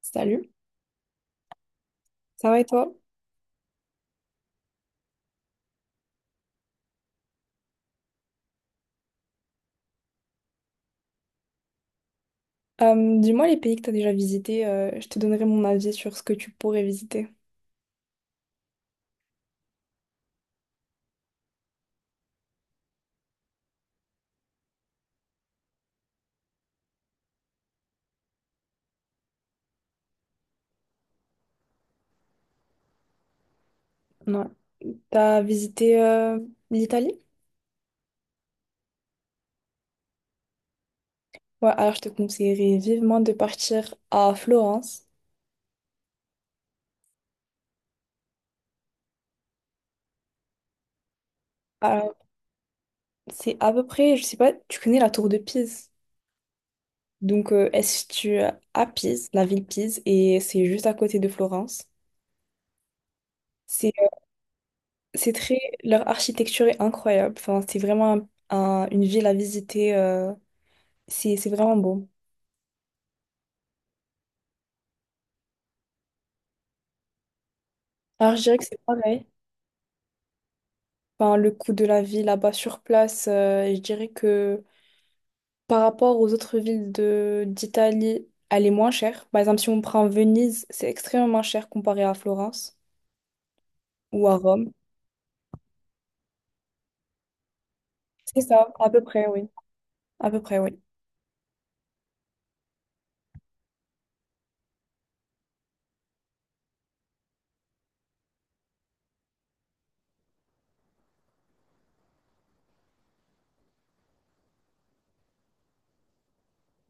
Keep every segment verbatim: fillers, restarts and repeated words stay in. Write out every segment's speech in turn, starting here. Salut, ça va et toi? Euh, dis-moi les pays que tu as déjà visités, euh, je te donnerai mon avis sur ce que tu pourrais visiter. Ouais. T'as visité euh, l'Italie? Ouais, alors je te conseillerais vivement de partir à Florence. Alors, c'est à peu près, je sais pas, tu connais la tour de Pise. Donc, euh, elle se situe à Pise, la ville Pise, et c'est juste à côté de Florence. C'est c'est très, leur architecture est incroyable. Enfin, c'est vraiment un- un- une ville à visiter. euh, c'est c'est vraiment beau. Alors, je dirais que c'est pareil. Enfin, le coût de la vie là-bas sur place, euh, je dirais que par rapport aux autres villes de d'Italie, elle est moins chère. Par exemple, si on prend Venise, c'est extrêmement cher comparé à Florence ou à Rome. C'est ça, à peu près, oui. À peu près, oui.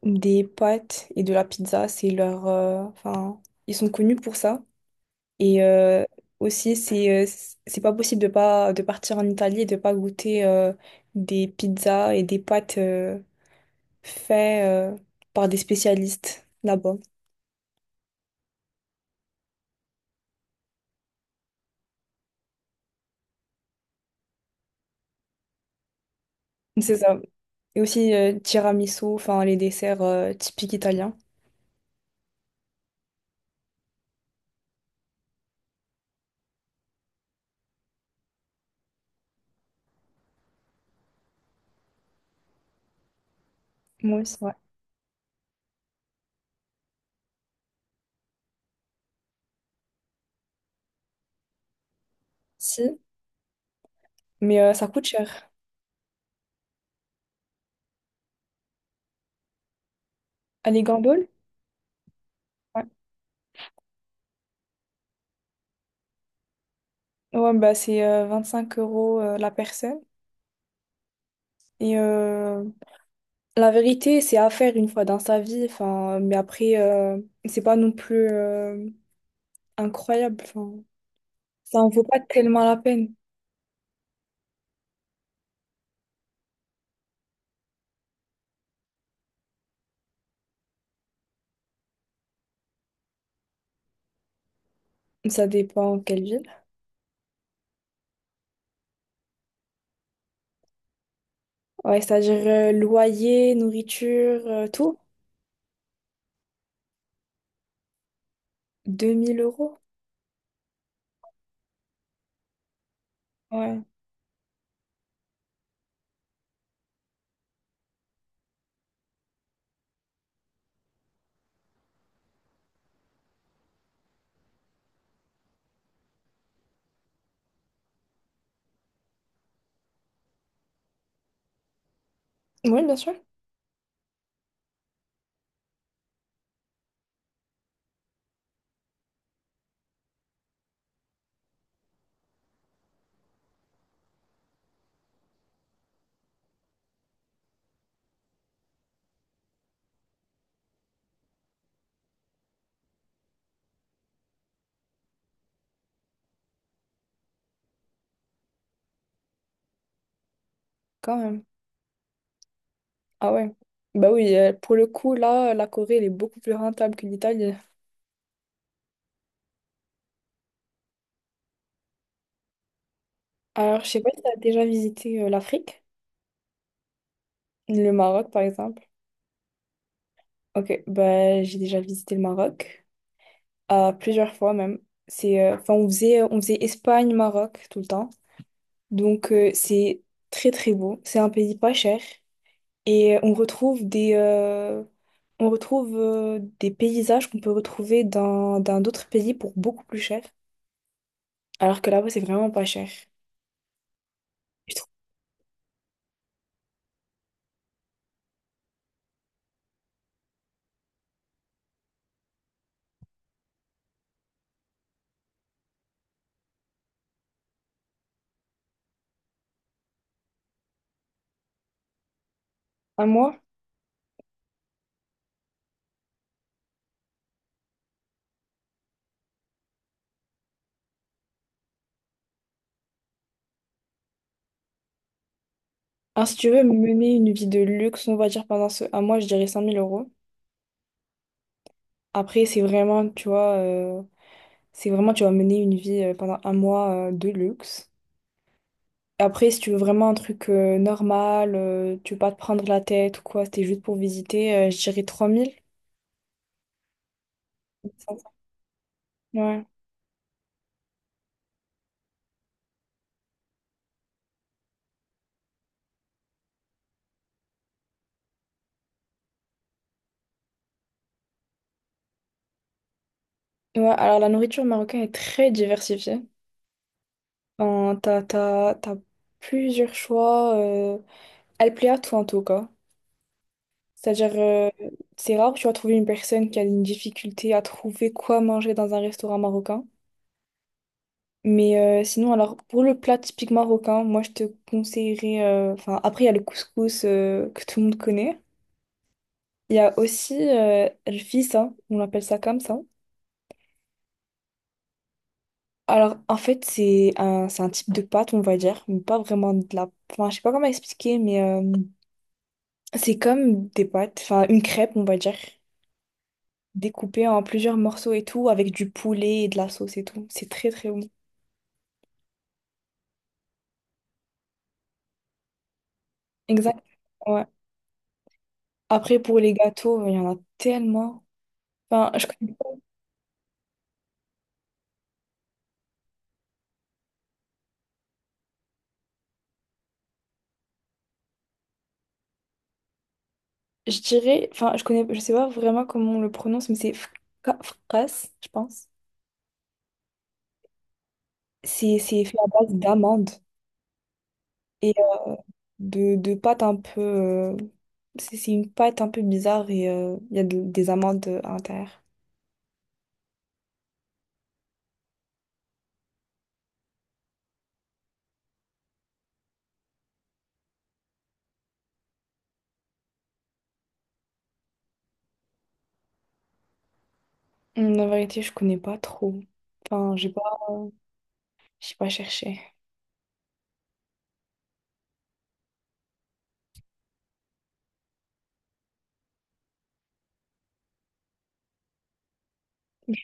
Des pâtes et de la pizza, c'est leur... euh, Enfin, ils sont connus pour ça. Et euh, aussi, c'est euh, c'est pas possible de pas de partir en Italie et de pas goûter euh, des pizzas et des pâtes. euh, fait euh, par des spécialistes là-bas. C'est ça. Et aussi euh, tiramisu, enfin les desserts euh, typiques italiens. Moi aussi, ouais. Si, mais euh, ça coûte cher. À les gamboles? Ouais. Ouais, bah c'est euh, 25 euros euh, la personne. Et euh, la vérité, c'est à faire une fois dans sa vie. Enfin, mais après, euh, c'est pas non plus euh, incroyable. Enfin, ça en vaut pas tellement la peine. Ça dépend quelle ville. Ouais, c'est-à-dire euh, loyer, nourriture, euh, tout. Deux mille euros? Ouais. Oui, bien sûr, quand même. Ah ouais. Bah oui, euh, pour le coup, là, la Corée, elle est beaucoup plus rentable que l'Italie. Alors, je sais pas si tu as déjà visité euh, l'Afrique, le Maroc, par exemple. Ok, bah j'ai déjà visité le Maroc, euh, plusieurs fois même. C'est, euh, enfin, on faisait, on faisait Espagne-Maroc tout le temps. Donc, euh, c'est très, très beau. C'est un pays pas cher. Et euh, on retrouve des... euh, on retrouve euh, des paysages qu'on peut retrouver dans dans d'autres pays pour beaucoup plus cher. Alors que là-bas, c'est vraiment pas cher. Je trouve un mois. Alors, si tu veux mener une vie de luxe, on va dire pendant ce un mois, je dirais cinq mille euros. Après, c'est vraiment, tu vois, euh, c'est vraiment, tu vas mener une vie euh, pendant un mois euh, de luxe. Après, si tu veux vraiment un truc euh, normal, euh, tu veux pas te prendre la tête ou quoi, c'était juste pour visiter, euh, je dirais trois mille. Ouais. Ouais, alors la nourriture marocaine est très diversifiée. Euh, t'as, t'as- t'as plusieurs choix. euh, Elle plaît à tout en tout cas. C'est-à-dire, euh, c'est rare que tu vas trouver une personne qui a une difficulté à trouver quoi manger dans un restaurant marocain. Mais euh, sinon, alors, pour le plat typique marocain, moi, je te conseillerais... euh, Enfin, après, il y a le couscous euh, que tout le monde connaît. Il y a aussi euh, le fissa, on appelle ça comme ça. Alors, en fait, c'est un, c'est un type de pâte, on va dire, mais pas vraiment de la... Enfin, je sais pas comment expliquer, mais euh, c'est comme des pâtes, enfin, une crêpe, on va dire. Découpé en plusieurs morceaux et tout, avec du poulet et de la sauce et tout. C'est très très bon. Exact, ouais. Après, pour les gâteaux, il y en a tellement. Enfin, je connais pas- je dirais, enfin, je connais, je sais pas vraiment comment on le prononce, mais c'est fka- fkas, je pense. C'est c'est fait à base d'amandes et euh, de, de pâte un peu. euh, c'est c'est une pâte un peu bizarre et euh, il y a de- des amandes euh, à l'intérieur. Hum, La vérité, je connais pas trop. Enfin, j'ai pas. euh, J'ai pas cherché. Je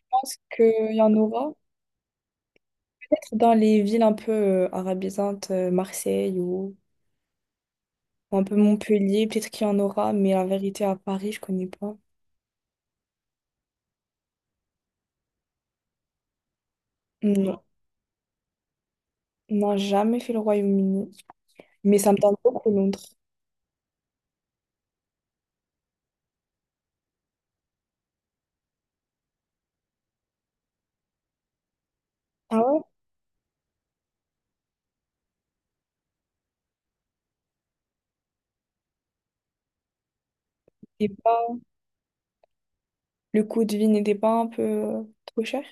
pense qu'il y en aura. Peut-être dans les villes un peu euh, arabisantes, euh, Marseille ou ou un peu Montpellier, peut-être qu'il y en aura, mais la vérité, à Paris, je connais pas. Non, n'a jamais fait le Royaume-Uni. Mais ça me tente beaucoup Londres. Ah ouais? Et pas... Le coût de vie n'était pas un peu euh, trop cher?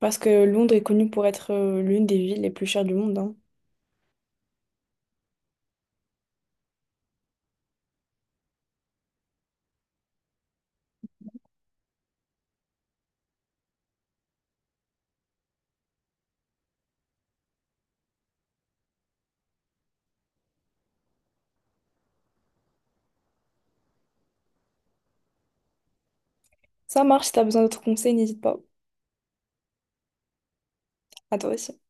Parce que Londres est connue pour être euh, l'une des villes les plus chères du monde, hein. Ça marche, si t'as besoin d'autres conseils, n'hésite pas. À toi aussi.